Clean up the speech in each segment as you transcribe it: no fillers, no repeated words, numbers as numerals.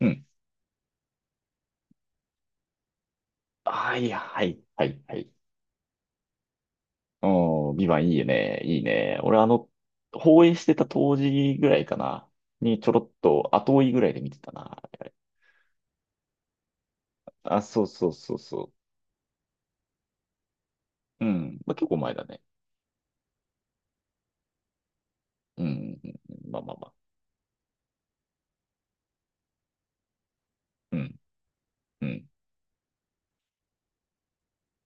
うん。はいはい、はい、はい。うん、ビバンいいね、いいね。俺放映してた当時ぐらいかな。にちょろっと後追いぐらいで見てたな。あ、そうそうそうそう。うん。まあ、結構前だね。うん。うんうんまあまあまあ。うん。うん。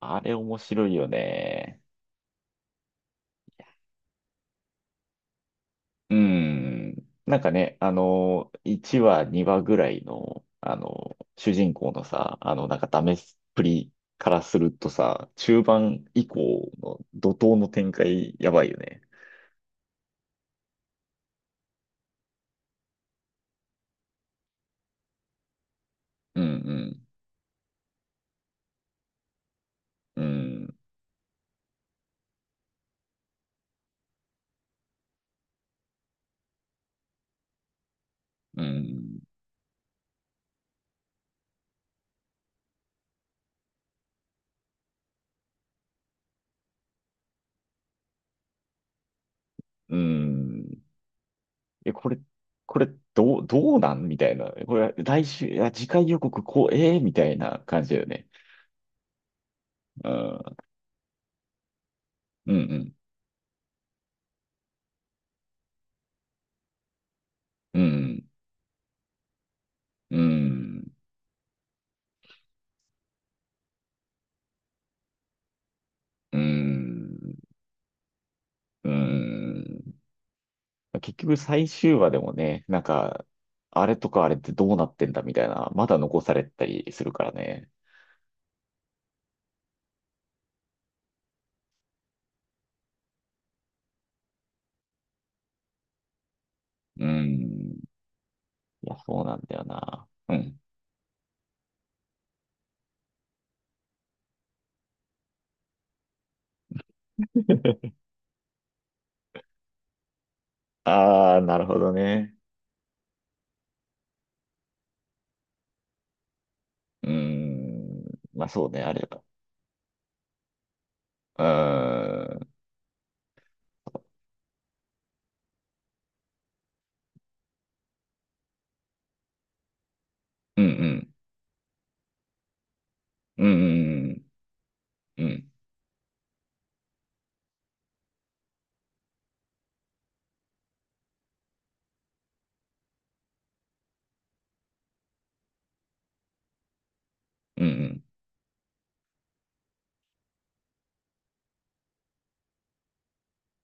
あれ面白いよね。うん。なんかね、1話、2話ぐらいの、主人公のさ、なんかダメっぷりからするとさ、中盤以降の怒涛の展開、やばいよね。うん、うん、うん、うん、うん。え、これ、どうなんみたいな。これ、来週、いや、次回予告、こう、ええみたいな感じだよね。うん、うん、うん、うん、うん、うん、うん。結局最終話でもね、なんか、あれとかあれってどうなってんだみたいな、まだ残されたりするからね。うん。いや、そうなんだよな。うん。ああ、なるほどね。うん。まあそうね、あれは。うーん。うんうんうんうんうんうん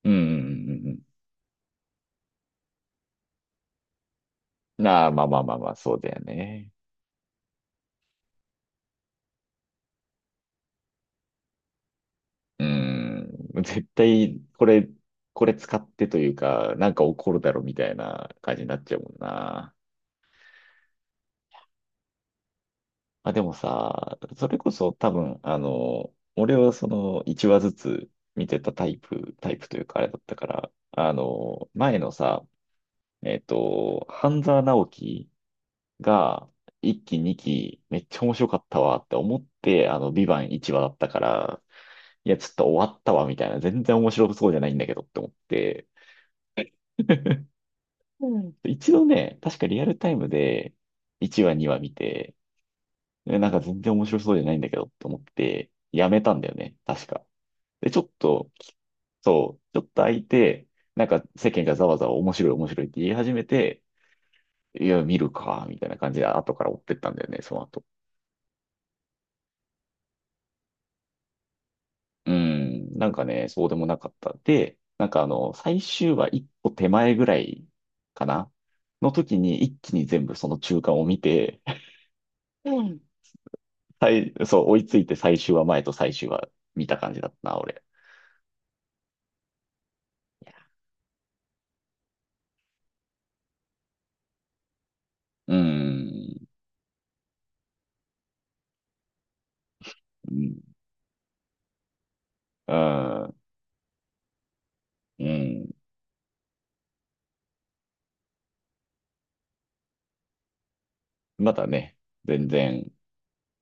うんうんうんうんうんうんうんうん。なあ、まあまあまあまあ、そうだよね。うん、絶対、これ使ってというか、なんか起こるだろみたいな感じになっちゃうもんな。あ、でもさ、それこそ多分、俺はその1話ずつ見てたタイプ、タイプというかあれだったから、前のさ、半沢直樹が1期2期めっちゃ面白かったわって思って、ビバン1話だったから、いや、ちょっと終わったわみたいな、全然面白そうじゃないんだけどって思って、うん。一度ね、確かリアルタイムで1話2話見て、なんか全然面白そうじゃないんだけどと思って、やめたんだよね、確か。で、ちょっと、そう、ちょっと空いて、なんか世間がざわざわ面白い面白いって言い始めて、いや、見るか、みたいな感じで後から追ってったんだよね、その後。うん、なんかね、そうでもなかった。で、なんか最終話一歩手前ぐらいかなの時に一気に全部その中間を見て、そう、追いついて最終話前と最終話見た感じだったな、俺。いや、うーん。うん。うん。うん。まだね、全然、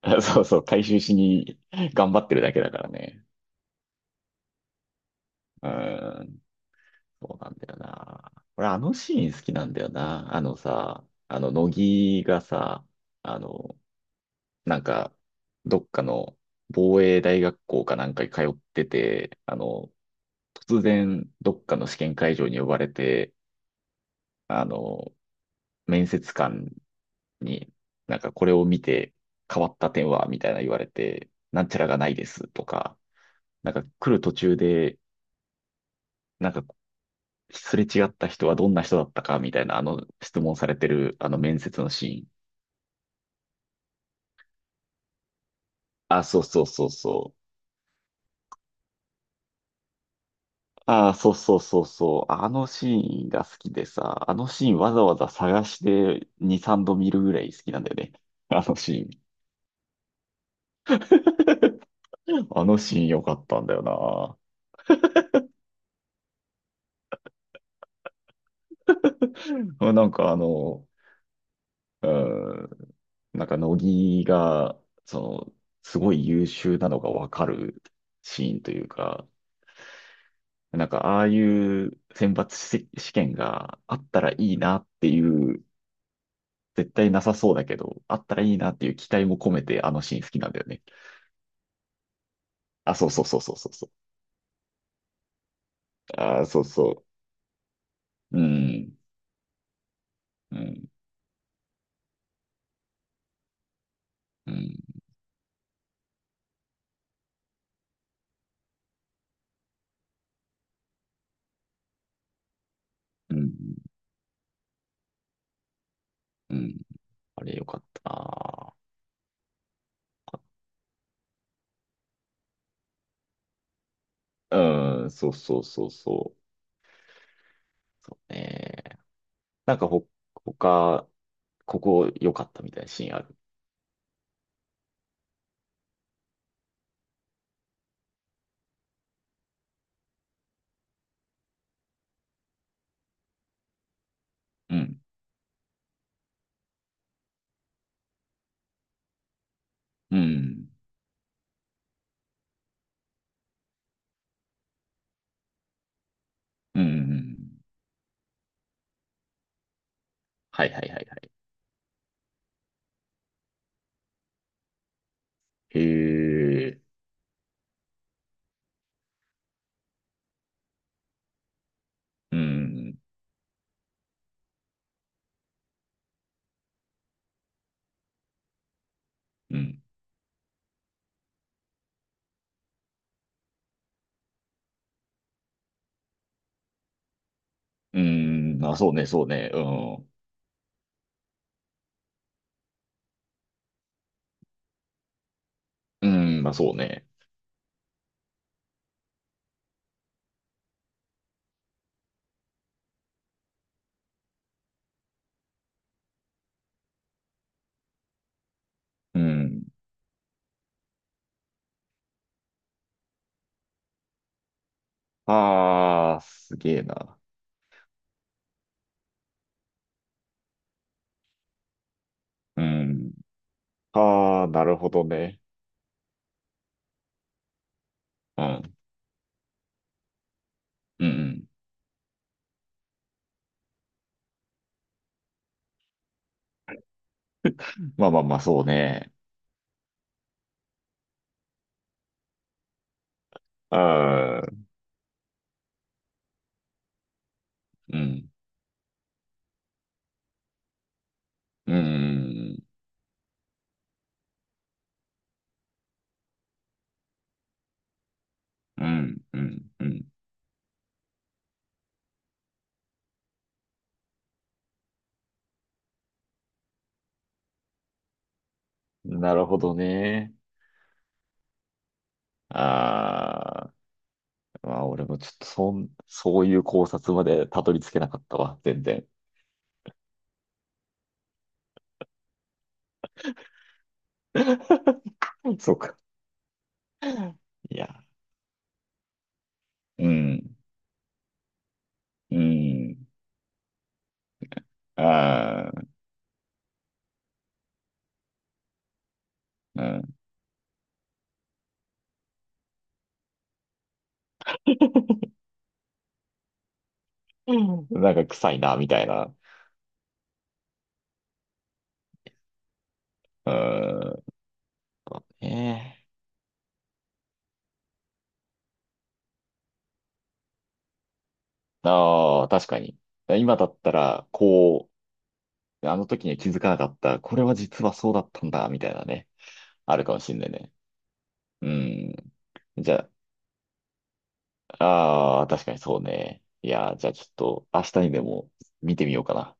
そうそう、回収しに頑張ってるだけだからね。うん。そうなんだよな。俺、あのシーン好きなんだよな。あのさ、あの、乃木がさ、あの、なんか、どっかの防衛大学校かなんかに通ってて、突然、どっかの試験会場に呼ばれて、あの、面接官になんかこれを見て変わった点はみたいな言われて、なんちゃらがないですとか、なんか来る途中で、なんかすれ違った人はどんな人だったかみたいなあの質問されてるあの面接のシーン。あ、そうそうそうそう。ああ、そうそうそうそう。あのシーンが好きでさ、あのシーンわざわざ探して2、3度見るぐらい好きなんだよね。あのシーン。あのシーン良かったんだよな。なんかうん、なんか乃木が、その、すごい優秀なのがわかるシーンというか、なんかああいう選抜し試験があったらいいなっていう、絶対なさそうだけど、あったらいいなっていう期待も込めてあのシーン好きなんだよね。あ、そうそうそうそうそうそう。ああ、そうそう。うん、うん、うん、うん、うん。あれよかったな。うん、そうそうそうそう。そうね。なんか他、ここ良かったみたいなシーンある。うん。うん。うん。はいはいはいはい。へえ。うん。うん。うん。あ、そうね、そうね。うん。うん、まあそうね。うん。ああ、すげえな。うん。ああ、なるほどね。うん。うん。まあまあまあ、そうね。ああ、うん。うん。うん。うん。うん。なるほどね。ああ。うわ、俺もちょっとそういう考察までたどり着けなかったわ、全然。そうか。いや、うん、うん、あーうん。うん なんか臭いな、みたいな。うーん。ねえ。ああ、確かに。今だったら、こう、あの時には気づかなかった。これは実はそうだったんだ、みたいなね。あるかもしんないね。うん。じゃあ、ああ、確かにそうね。いや、じゃあちょっと明日にでも見てみようかな。